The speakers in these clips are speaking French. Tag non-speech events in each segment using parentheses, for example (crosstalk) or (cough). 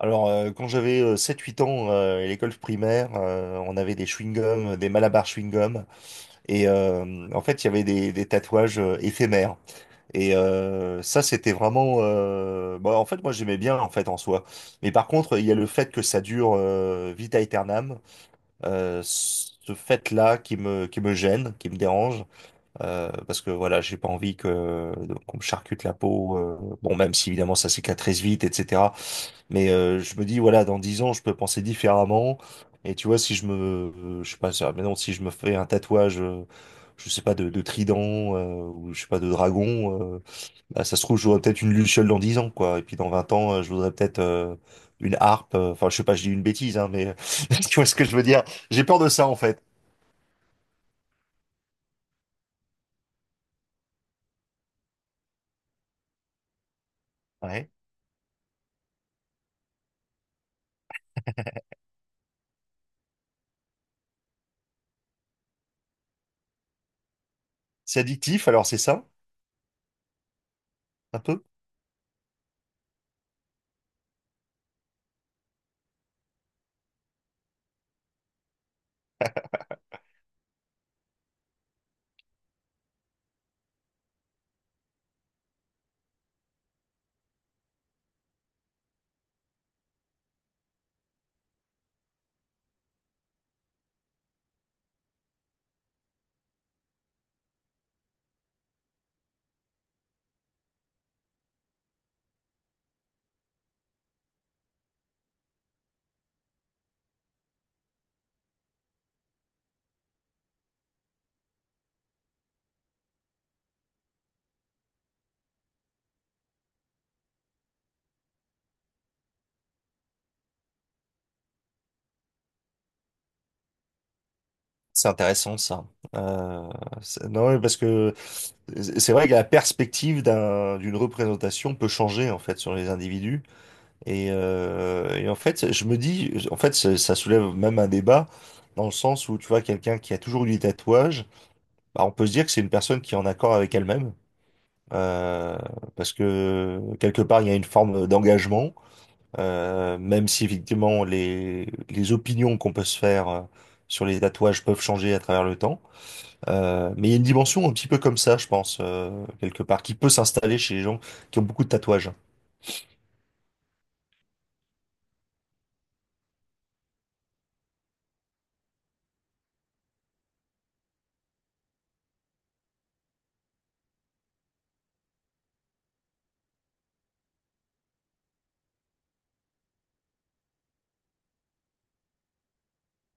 Alors, quand j'avais 7-8 ans à l'école primaire, on avait des chewing-gums, des Malabar chewing-gums. Et en fait, il y avait des tatouages éphémères. Et ça, c'était vraiment, bah, en fait, moi, j'aimais bien, en fait, en soi. Mais par contre, il y a le fait que ça dure vita aeternam. Ce fait-là qui me gêne, qui me dérange. Parce que, voilà, j'ai pas envie que qu'on me charcute la peau. Bon, même si, évidemment, ça cicatrise vite, etc. Mais je me dis, voilà, dans 10 ans, je peux penser différemment. Et tu vois, si je me, je sais pas, ça- mais non, si je me fais un tatouage, je sais pas, de trident, ou je sais pas, de dragon, bah, ça se trouve, j'aurais peut-être une luciole dans 10 ans, quoi. Et puis dans 20 ans, je voudrais peut-être une harpe. Enfin, je sais pas, je dis une bêtise, hein, mais (laughs) tu vois ce que je veux dire? J'ai peur de ça, en fait. Ouais. (laughs) C'est addictif, alors c'est ça, un peu? C'est intéressant, ça. Euh, non, ouais, parce que c'est vrai que la perspective d'un, d'une représentation peut changer en fait sur les individus. Et en fait je me dis en fait ça soulève même un débat, dans le sens où tu vois quelqu'un qui a toujours eu des tatouages, bah, on peut se dire que c'est une personne qui est en accord avec elle-même, euh, parce que quelque part il y a une forme d'engagement, même si effectivement les opinions qu'on peut se faire sur les tatouages peuvent changer à travers le temps, mais il y a une dimension un petit peu comme ça, je pense, quelque part, qui peut s'installer chez les gens qui ont beaucoup de tatouages.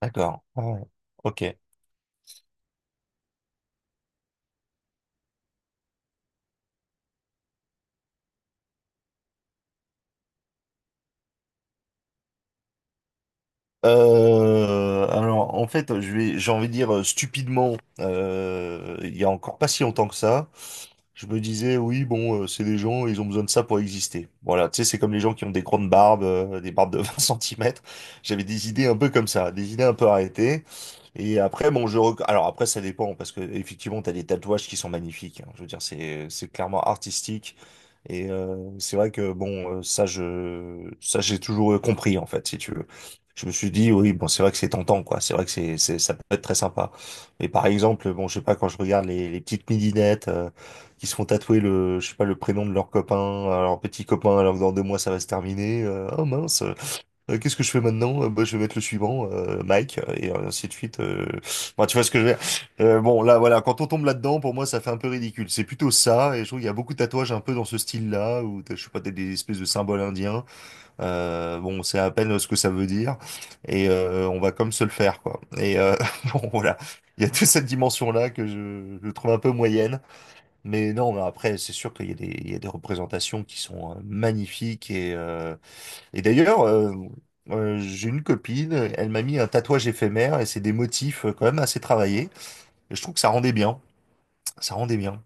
D'accord. Ah ouais. Ok. Alors, en fait, j'ai envie de dire stupidement, il y a encore pas si longtemps que ça. Je me disais, oui, bon, c'est des gens, ils ont besoin de ça pour exister. Voilà, tu sais, c'est comme les gens qui ont des grandes barbes, des barbes de (laughs) 20 centimètres. J'avais des idées un peu comme ça, des idées un peu arrêtées. Et après, bon, alors après, ça dépend, parce que effectivement, t'as des tatouages qui sont magnifiques, hein. Je veux dire, c'est clairement artistique. Et c'est vrai que, bon, ça, j'ai toujours compris, en fait, si tu veux. Je me suis dit, oui, bon, c'est vrai que c'est tentant, quoi. C'est vrai que ça peut être très sympa. Mais par exemple, bon, je sais pas, quand je regarde les petites midinettes, qui se font tatouer le, je sais pas, le prénom de leur copain, leur petit copain, alors que dans 2 mois ça va se terminer. Oh mince, qu'est-ce que je fais maintenant? Bah, je vais mettre le suivant, Mike, et ainsi de suite. Enfin, tu vois ce que je veux dire? Bon, là, voilà, quand on tombe là-dedans, pour moi, ça fait un peu ridicule. C'est plutôt ça, et je trouve qu'il y a beaucoup de tatouages un peu dans ce style-là, où je sais pas, t'as des espèces de symboles indiens. Bon, on sait à peine ce que ça veut dire, et on va comme se le faire, quoi. Et (laughs) bon, voilà, il y a toute cette dimension-là que je trouve un peu moyenne. Mais non, mais après, c'est sûr qu'il y a des représentations qui sont magnifiques. Et d'ailleurs, j'ai une copine, elle m'a mis un tatouage éphémère et c'est des motifs quand même assez travaillés. Et je trouve que ça rendait bien. Ça rendait bien.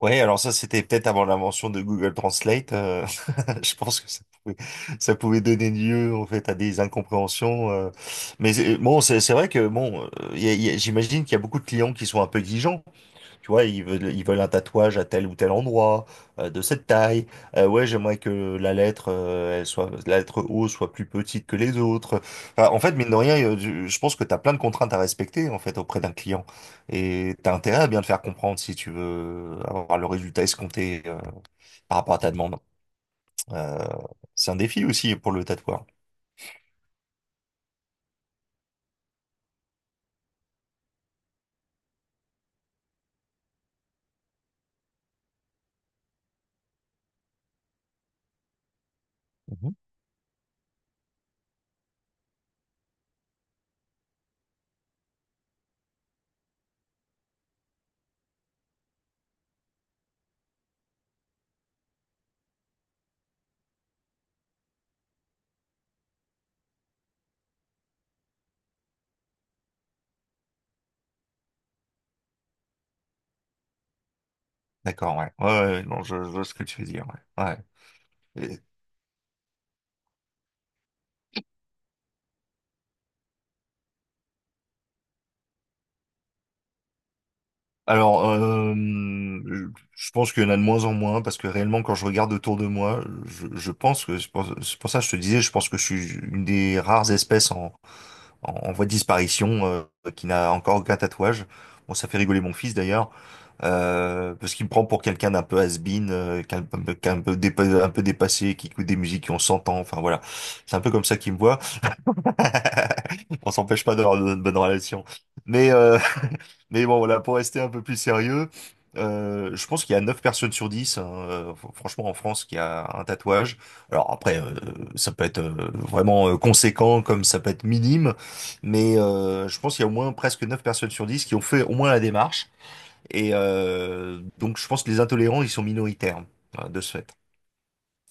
Ouais, alors ça, c'était peut-être avant l'invention de Google Translate. (laughs) Je pense que ça pouvait donner lieu en fait à des incompréhensions. Mais bon, c'est vrai que bon, j'imagine qu'il y a beaucoup de clients qui sont un peu exigeants. Tu vois, ils veulent un tatouage à tel ou tel endroit, de cette taille. Ouais, j'aimerais que la lettre O soit plus petite que les autres. Enfin, en fait, mine de rien, je pense que tu as plein de contraintes à respecter, en fait, auprès d'un client. Et tu as intérêt à bien te faire comprendre si tu veux avoir le résultat escompté, par rapport à ta demande. Euh, c'est un défi aussi pour le tatoueur. Mhm. D'accord, ouais. Ouais, ouais, ouais, non, je vois ce que tu veux dire, ouais. Ouais. Et- alors, euh, je pense qu'il y en a de moins en moins, parce que réellement, quand je regarde autour de moi, je pense que, c'est pour ça que je te disais, je pense que je suis une des rares espèces en voie de disparition, qui n'a encore aucun tatouage. Bon, ça fait rigoler mon fils d'ailleurs, parce qu'il me prend pour quelqu'un d'un peu has-been, qu'un peu, un peu dépassé, qui écoute des musiques qui ont 100 ans, enfin voilà. C'est un peu comme ça qu'il me voit. (laughs) On s'empêche pas d'avoir de bonnes relations. Mais, (laughs) mais bon, voilà, pour rester un peu plus sérieux, je pense qu'il y a 9 personnes sur 10, hein, franchement, en France, qui a un tatouage. Alors après, ça peut être vraiment conséquent, comme ça peut être minime, mais je pense qu'il y a au moins presque 9 personnes sur 10 qui ont fait au moins la démarche. Et donc, je pense que les intolérants, ils sont minoritaires, hein, de ce fait.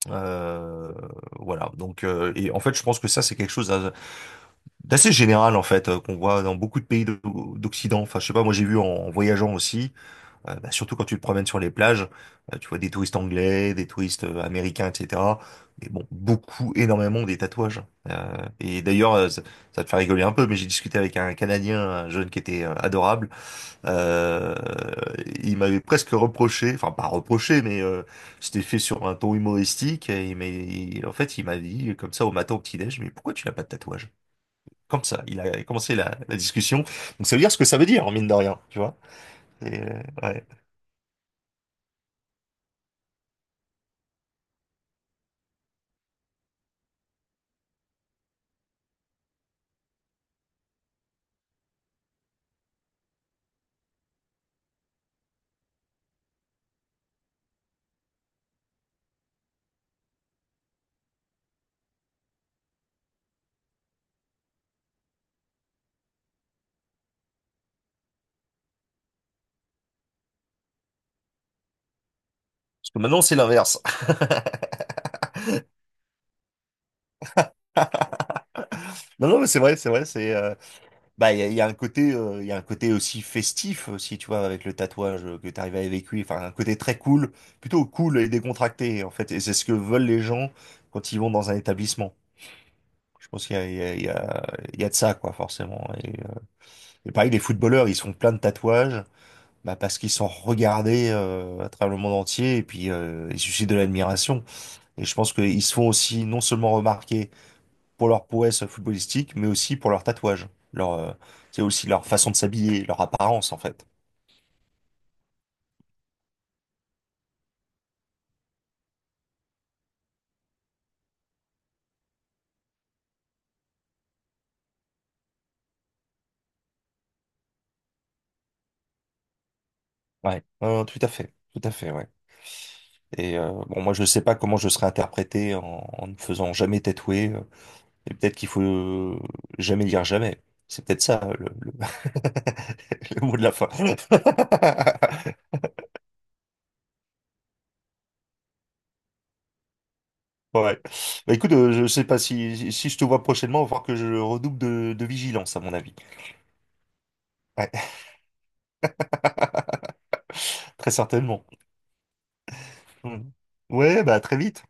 Euh, voilà. Donc, et en fait, je pense que ça, c'est quelque chose d'assez général en fait qu'on voit dans beaucoup de pays d'Occident. Enfin, je sais pas, moi j'ai vu en voyageant aussi, bah, surtout quand tu te promènes sur les plages, tu vois des touristes anglais, des touristes américains, etc. Mais bon, beaucoup, énormément des tatouages. Et d'ailleurs, ça, ça te fait rigoler un peu, mais j'ai discuté avec un Canadien, un jeune qui était adorable. Euh, il m'avait presque reproché, enfin pas reproché, mais c'était fait sur un ton humoristique. En fait, il m'a dit comme ça au matin au petit-déj, mais pourquoi tu n'as pas de tatouage? Comme ça. Il a commencé la discussion. Donc ça veut dire ce que ça veut dire, mine de rien, tu vois. Ouais. Parce que maintenant, c'est l'inverse. (laughs) Non, non, mais c'est vrai, c'est vrai, c'est bah il y a un côté, il y a un côté aussi festif aussi, tu vois, avec le tatouage que t'arrives à évacuer, enfin un côté très cool, plutôt cool et décontracté en fait, et c'est ce que veulent les gens quand ils vont dans un établissement. Je pense qu'il y a de ça quoi, forcément. Et pareil, les footballeurs, ils se font plein de tatouages. Bah parce qu'ils sont regardés à travers le monde entier et puis ils suscitent de l'admiration. Et je pense qu'ils se font aussi non seulement remarquer pour leur prouesse footballistique, mais aussi pour leur tatouage. Leur, euh, c'est aussi leur façon de s'habiller, leur apparence en fait. Ouais. Tout à fait, tout à fait, ouais. Et bon, moi je sais pas comment je serais interprété en ne faisant jamais tatouer. Et peut-être qu'il faut jamais dire jamais. C'est peut-être ça le (laughs) le mot de la fin. (laughs) Ouais. Bah écoute, je sais pas si je te vois prochainement, il va falloir que je redouble de vigilance, à mon avis. Ouais. (laughs) Très certainement. Mm. Ouais, bah à très vite.